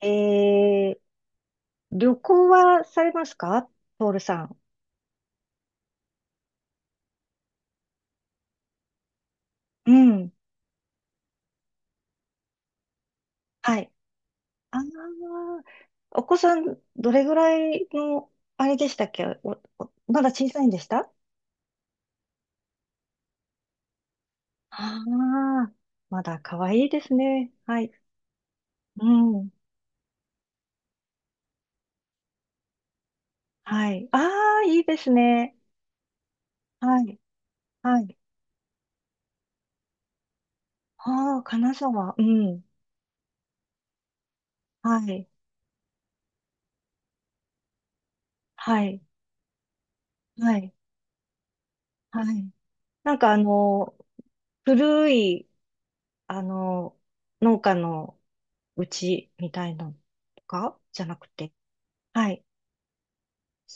えー、旅行はされますか？ポールさん。うん。はい。ああ、お子さん、どれぐらいの、あれでしたっけ？まだ小さいんでした？ああー、まだ可愛いですね。はい。うん。はい。ああ、いいですね。はい。はい。ああ、金沢。うん。はい。はい。はい。はい。なんか古い、あの、農家の、うちみたいなのとかじゃなくて。はい。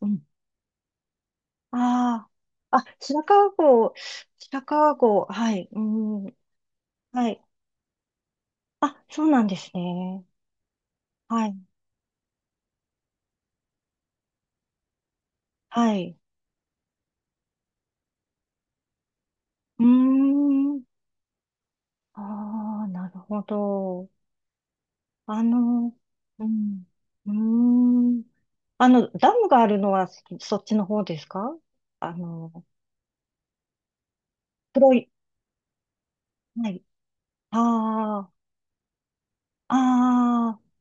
うん。ああ。あ、白川郷、白川郷、はい。うん。はい。あ、そうなんですね。はい。はい。うーん。ああ、なるほど。あの、うん。うーん。ダムがあるのはそっちの方ですか？あの、黒い。はい。ああ、ああ。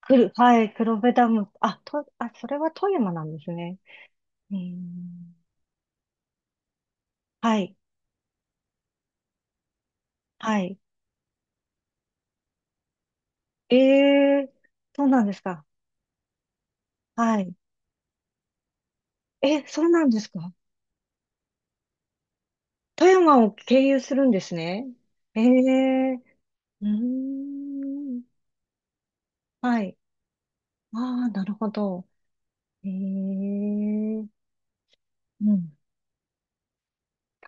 はい、黒部ダム。それは富山なんですね。うーん。はい、はい。ええ、そうなんですか？はい。え、そうなんですか？富山を経由するんですね。ええ、うーん。はい。ああ、なるほど。ええ、うん。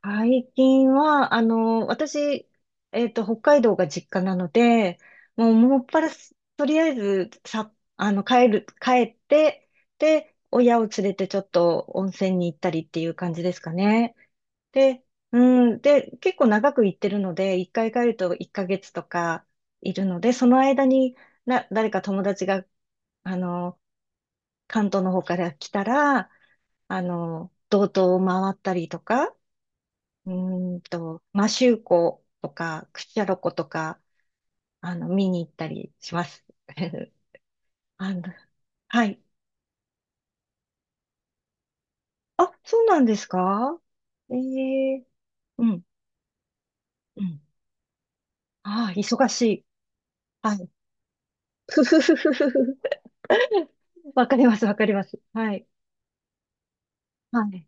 最近は、私、北海道が実家なので、もう、もっぱらす、とりあえず、さ、帰って、で、親を連れてちょっと温泉に行ったりっていう感じですかね。で、うん、で、結構長く行ってるので、一回帰ると1ヶ月とかいるので、その間に、誰か友達が、あの、関東の方から来たら、道東を回ったりとか、うマシュ周コとか、クシャロコとか、見に行ったりします。あの、はい。あ、そうなんですか？ええ、うん、うん。ああ、忙しい。はい。ふふふふふふ。わかります、わかります。はい。はい。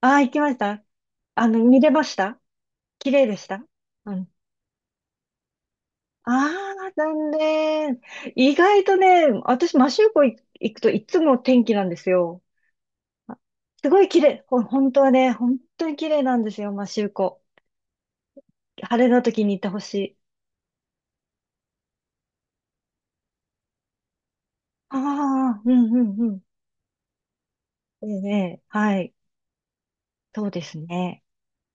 ああ、行きました。見れました？綺麗でした？うん。ああ、残念。意外とね、私、マシューコ行くといつも天気なんですよ。あ、すごい綺麗。本当はね、本当に綺麗なんですよ、摩周湖。晴れの時に行ってほしい。ああ、うんうんうん。ええ、ね、はい。そうですね。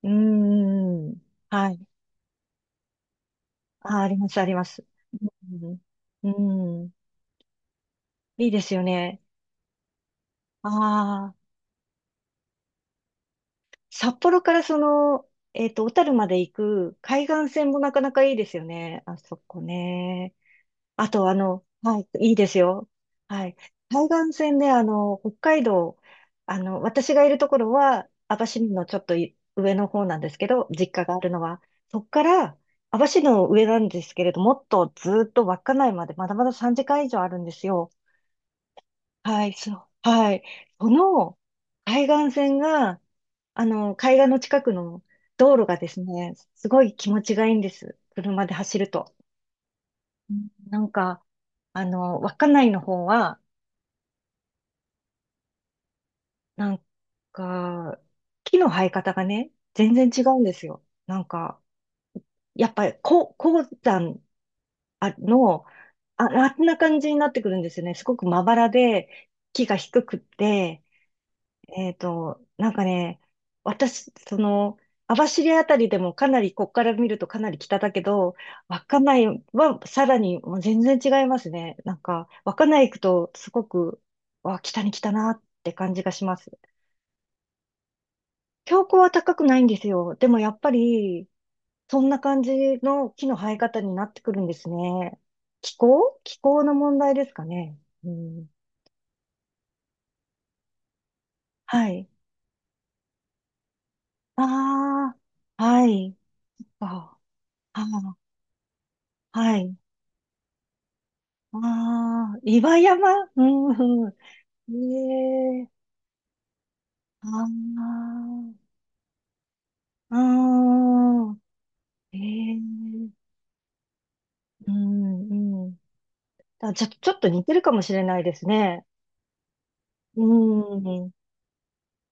うーん。はい。あー、あります、あります。うん。うん。いいですよね。ああ、札幌からその、小樽まで行く海岸線もなかなかいいですよね。あそこね。あと、はい、いいですよ。はい。海岸線で、北海道、私がいるところは、網走のちょっとい上の方なんですけど、実家があるのは、そこから、網走の上なんですけれど、もっとずーっと稚内まで、まだまだ3時間以上あるんですよ。はい、そう、はい。その海岸線が、海岸の近くの道路がですね、すごい気持ちがいいんです。車で走ると。うん、なんか、稚内の方は、なんか、木の生え方がね、全然違うんですよ。なんか、やっぱり、こう、鉱山、あの、あんな感じになってくるんですよね。すごくまばらで、木が低くって、なんかね、私、網走あたりでもかなり、こっから見るとかなり北だけど、稚内はさらにもう全然違いますね。なんか、稚内行くとすごく、わ、北に来たなって感じがします。標高は高くないんですよ。でもやっぱり、そんな感じの木の生え方になってくるんですね。気候の問題ですかね。うん、はい。ああ、はい。あ、あー、はい。ああ、岩山。うんうん。ええ、ああ、ああ、ええ、うん、うん。あ、ちょっと似てるかもしれないですね。うん、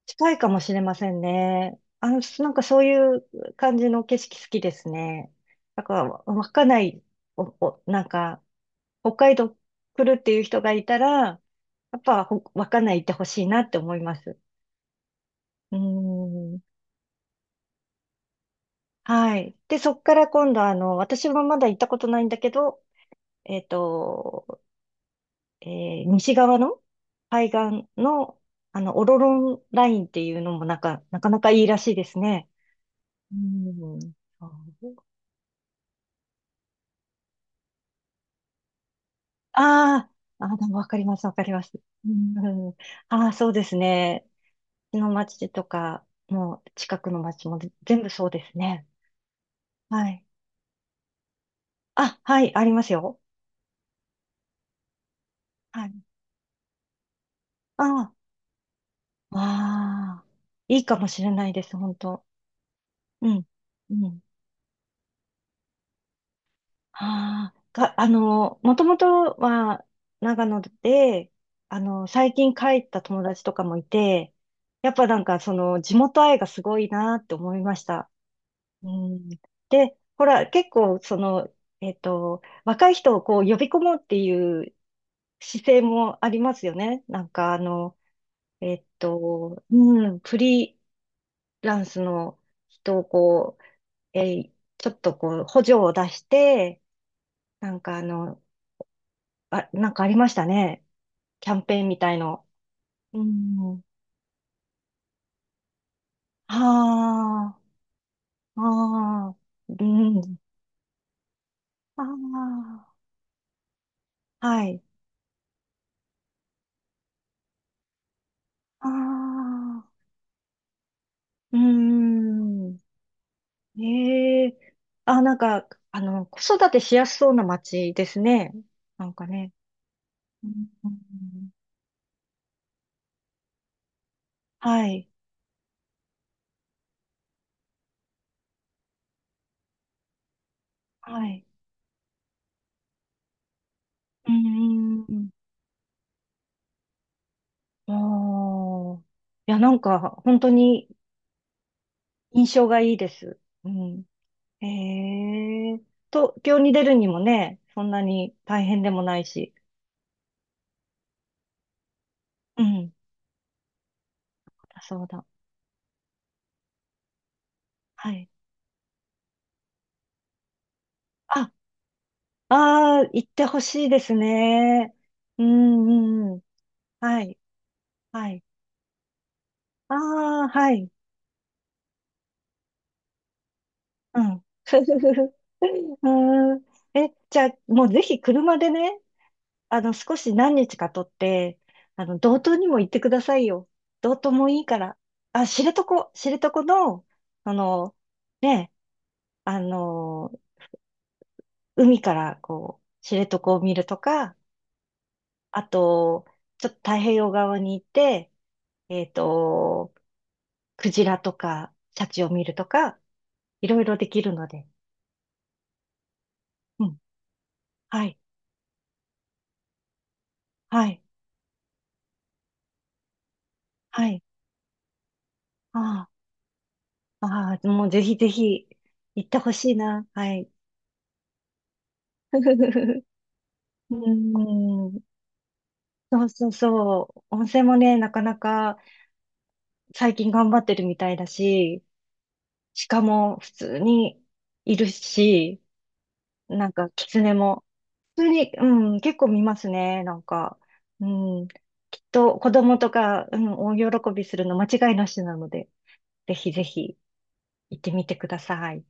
近いかもしれませんね。なんかそういう感じの景色好きですね。なんか、稚内、なんか、北海道来るっていう人がいたら、やっぱ、稚内行ってほしいなって思います。うん。はい。で、そっから今度、私もまだ行ったことないんだけど、えっと、え西側の海岸の、オロロンラインっていうのもなんか、なかなかいいらしいですね。うん。そう、ああ、あー、でもわかります、わかります。うん、ああ、そうですね。うちの町とか、もう近くの町も全部そうですね。はい。あ、はい、ありますよ。はい。ああ、わあ、いいかもしれないです、本当。うん。うん。ああ、が、あの、もともとは長野で、最近帰った友達とかもいて、やっぱなんかその地元愛がすごいなって思いました。うん。で、ほら、結構若い人をこう呼び込もうっていう姿勢もありますよね。うん、フリーランスの人をこう、ちょっとこう補助を出して、なんかあの、なんかありましたね。キャンペーンみたいの。うん。ああ、ああ、うん。ああ、はい。ああ、うーん。ええ、あ、なんか、子育てしやすそうな街ですね。なんかね。うんうん、はい、はい。うーん。ああ。いや、なんか、本当に印象がいいです。うん。ええ、東京に出るにもね、そんなに大変でもないし。うん。あ、そうだ。はい。あ、ああ、行ってほしいですね。うん、うん。はい、はい。ああ、はい。うん。うん。え、じゃあ、もうぜひ車でね、少し何日か取って、道東にも行ってくださいよ。道東もいいから。あ、知床、知床の、あの、ね、あの、海からこう、知床を見るとか、あと、ちょっと太平洋側に行って、えっと、クジラとか、シャチを見るとか、いろいろできるので。うん。はい。はい。はい。ああ、ああ、もうぜひぜひ行ってほしいな。はい。うーん。そうそうそう。温泉もね、なかなか最近頑張ってるみたいだし、鹿も普通にいるし、なんか狐も普通に、うん、結構見ますね。なんか、うん、きっと子供とか、うん、大喜びするの間違いなしなので、ぜひぜひ行ってみてください。